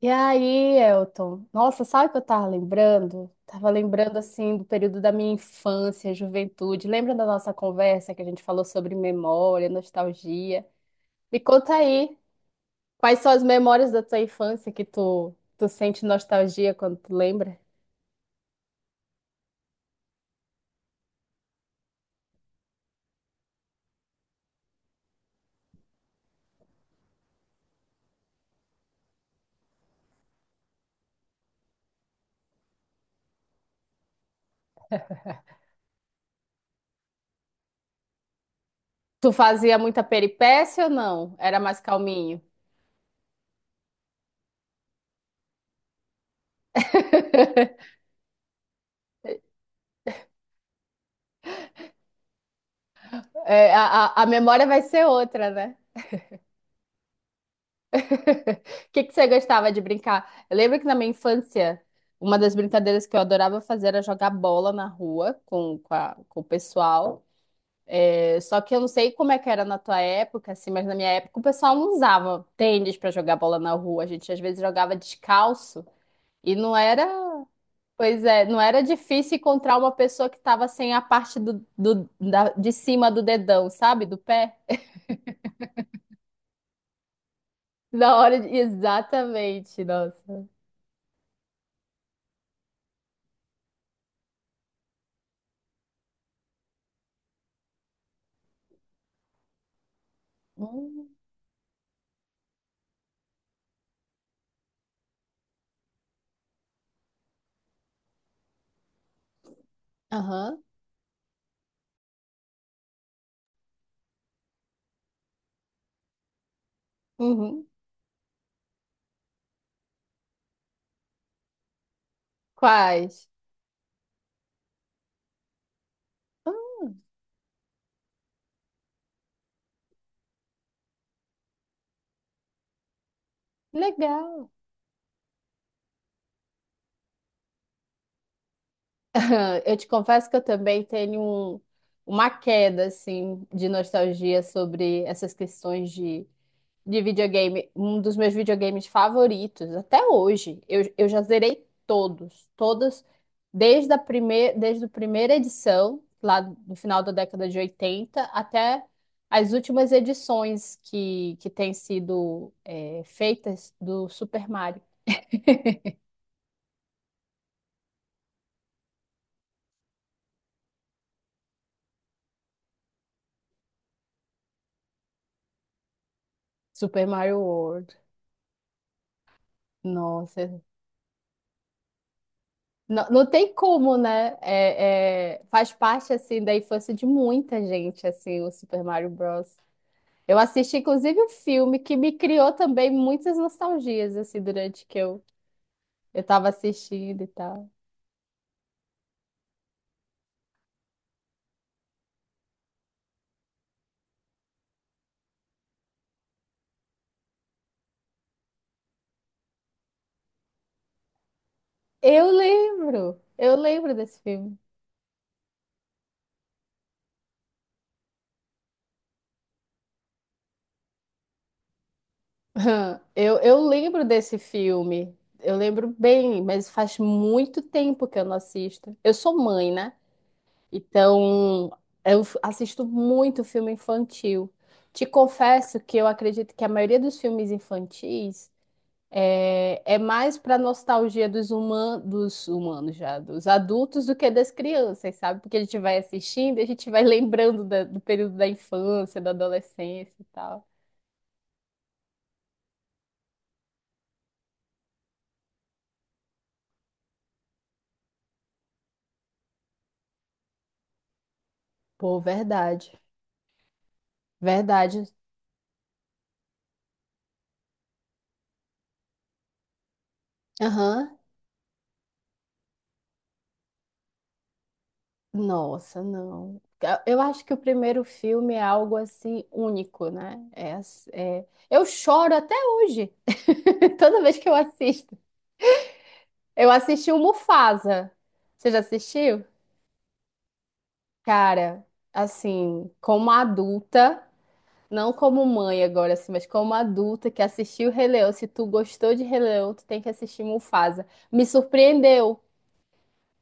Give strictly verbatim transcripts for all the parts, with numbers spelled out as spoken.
E aí, Elton? Nossa, sabe o que eu tava lembrando? Tava lembrando assim do período da minha infância, juventude. Lembra da nossa conversa que a gente falou sobre memória, nostalgia? Me conta aí, quais são as memórias da tua infância que tu, tu sente nostalgia quando tu lembra? Tu fazia muita peripécia ou não? Era mais calminho? É, a, a a memória vai ser outra, né? O que que você gostava de brincar? Eu lembro que na minha infância, uma das brincadeiras que eu adorava fazer era jogar bola na rua com, com, a- com o pessoal. É, só que eu não sei como é que era na tua época, assim, mas na minha época o pessoal não usava tênis para jogar bola na rua. A gente às vezes jogava descalço e não era, pois é, não era difícil encontrar uma pessoa que estava sem a parte do, do, da- de cima do dedão, sabe? Do pé. Na hora de... Exatamente, nossa. Hum. Aham. Uhum. Quais? Hum, legal. Eu te confesso que eu também tenho um- uma queda, assim, de nostalgia sobre essas questões de, de videogame. Um dos meus videogames favoritos, até hoje, eu, eu já zerei todos, todos, desde a primeira, desde a primeira edição, lá no final da década de oitenta até as últimas edições que, que têm sido, eh, feitas do Super Mario. Super Mario World. Nossa, não, não tem como, né? É, é, faz parte assim da infância de muita gente, assim, o Super Mario Bros. Eu assisti inclusive um filme que me criou também muitas nostalgias assim durante que eu eu estava assistindo e tal. Eu lembro, eu lembro desse filme. Hum. Eu, eu lembro desse filme. Eu lembro bem, mas faz muito tempo que eu não assisto. Eu sou mãe, né? Então, eu f- assisto muito filme infantil. Te confesso que eu acredito que a maioria dos filmes infantis é, é mais para nostalgia dos, human, dos humanos já, dos adultos do que das crianças, sabe? Porque a gente vai assistindo e a gente vai lembrando da- do período da infância, da adolescência e tal. Pô, verdade. Verdade. Aham. Nossa, não. Eu acho que o primeiro filme é algo assim único, né? É, ass- é- Eu choro até hoje, toda vez que eu assisto. Eu assisti o Mufasa. Você já assistiu? Cara, assim, como adulta, não como mãe agora, assim, mas como adulta que assistiu Rei Leão, se tu gostou de Rei Leão, tu tem que assistir Mufasa. Me surpreendeu.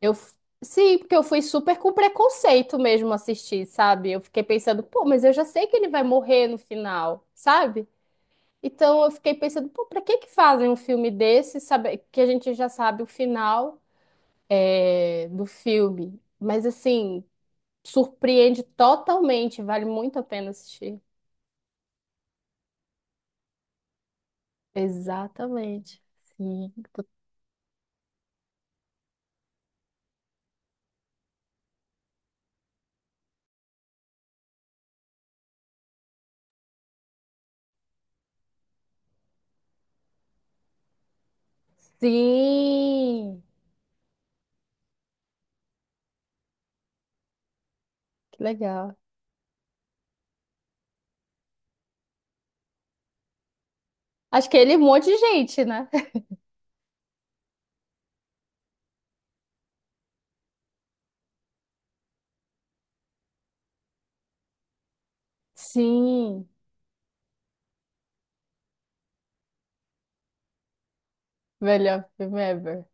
Eu, f- sim, porque eu fui super com preconceito mesmo assistir, sabe? Eu fiquei pensando, pô, mas eu já sei que ele vai morrer no final, sabe? Então eu fiquei pensando, pô, pra que que fazem um filme desse, sabe? Que a gente já sabe o final é, do filme. Mas assim, surpreende totalmente, vale muito a pena assistir. Exatamente. Sim. Sim. Que legal. Acho que ele e um monte de gente, né? Sim, melhor filme ever.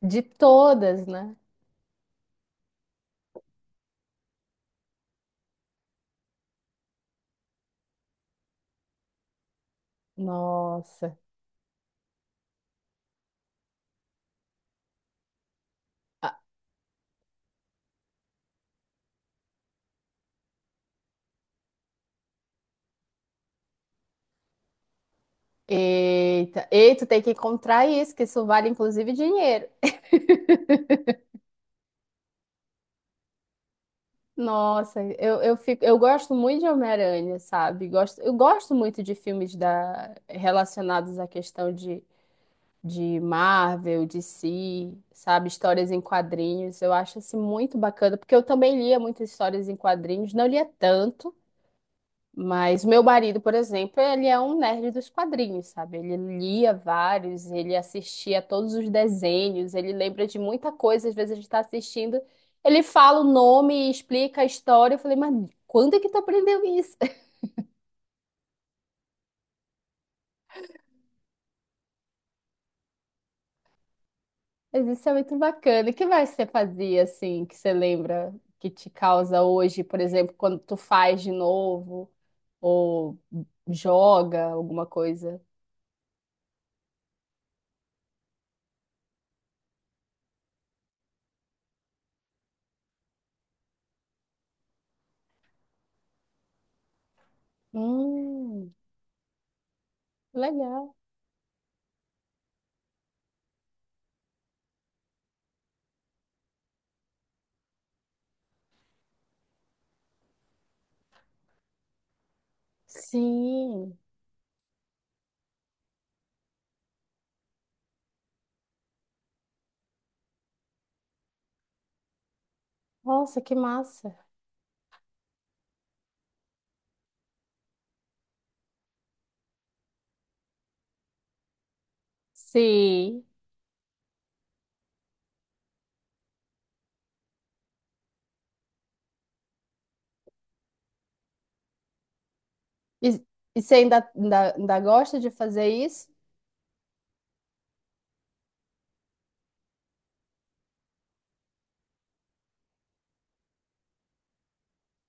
De todas, né? Nossa. Ah, eita. Ei, tu tem que encontrar isso, que isso vale inclusive dinheiro. Nossa, eu, eu fico, eu gosto muito de Homem-Aranha, sabe? Gosto, eu gosto muito de filmes da, relacionados à questão de, de Marvel, D C, sabe? Histórias em quadrinhos. Eu acho assim, muito bacana, porque eu também lia muitas histórias em quadrinhos, não lia tanto. Mas meu marido, por exemplo, ele é um nerd dos quadrinhos, sabe? Ele lia vários, ele assistia a todos os desenhos, ele lembra de muita coisa, às vezes a gente está assistindo, ele fala o nome, explica a história. Eu falei, mas quando é que tu aprendeu isso? Mas isso é muito bacana. O que mais você fazia assim, que você lembra que te causa hoje, por exemplo, quando tu faz de novo ou joga alguma coisa? Hum, legal. Sim. Nossa, que massa. Sim. E, e você ainda, ainda, ainda gosta de fazer isso?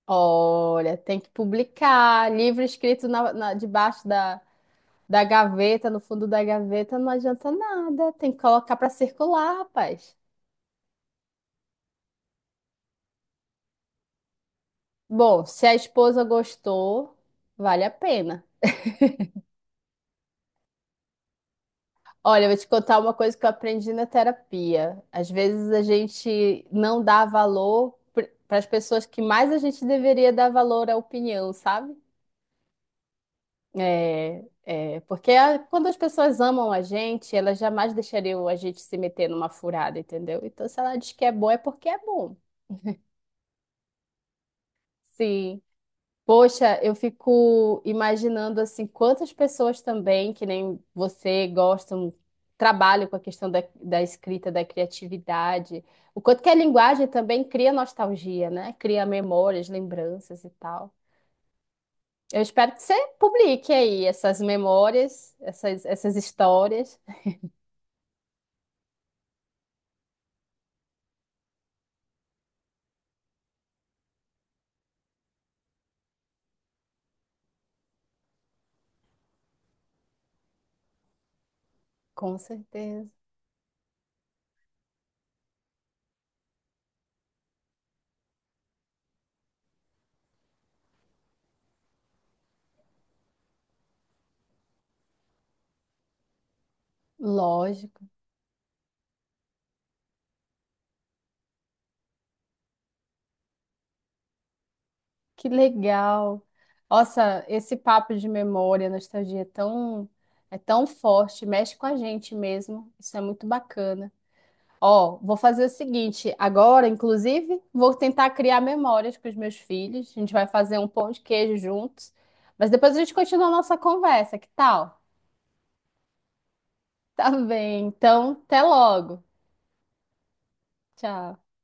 Olha, tem que publicar. Livro escrito na, na- debaixo da, da gaveta, no fundo da gaveta, não adianta nada. Tem que colocar para circular, rapaz. Bom, se a esposa gostou, vale a pena. Olha, eu vou te contar uma coisa que eu aprendi na terapia. Às vezes a gente não dá valor para as pessoas que mais a gente deveria dar valor à opinião, sabe? É, é, porque a- quando as pessoas amam a gente, elas jamais deixariam a gente se meter numa furada, entendeu? Então, se ela diz que é bom, é porque é bom. Sim. Poxa, eu fico imaginando assim, quantas pessoas também, que nem você, gostam, trabalham com a questão da, da escrita, da criatividade. O quanto que a linguagem também cria nostalgia, né? Cria memórias, lembranças e tal. Eu espero que você publique aí essas memórias, essas, essas histórias. Com certeza. Lógico. Que legal. Nossa, esse papo de memória, nostalgia é tão, é tão forte, mexe com a gente mesmo. Isso é muito bacana. Ó, vou fazer o seguinte, agora, inclusive, vou tentar criar memórias com os meus filhos. A gente vai fazer um pão de queijo juntos, mas depois a gente continua a nossa conversa, que tal? Tá bem, então, até logo. Tchau.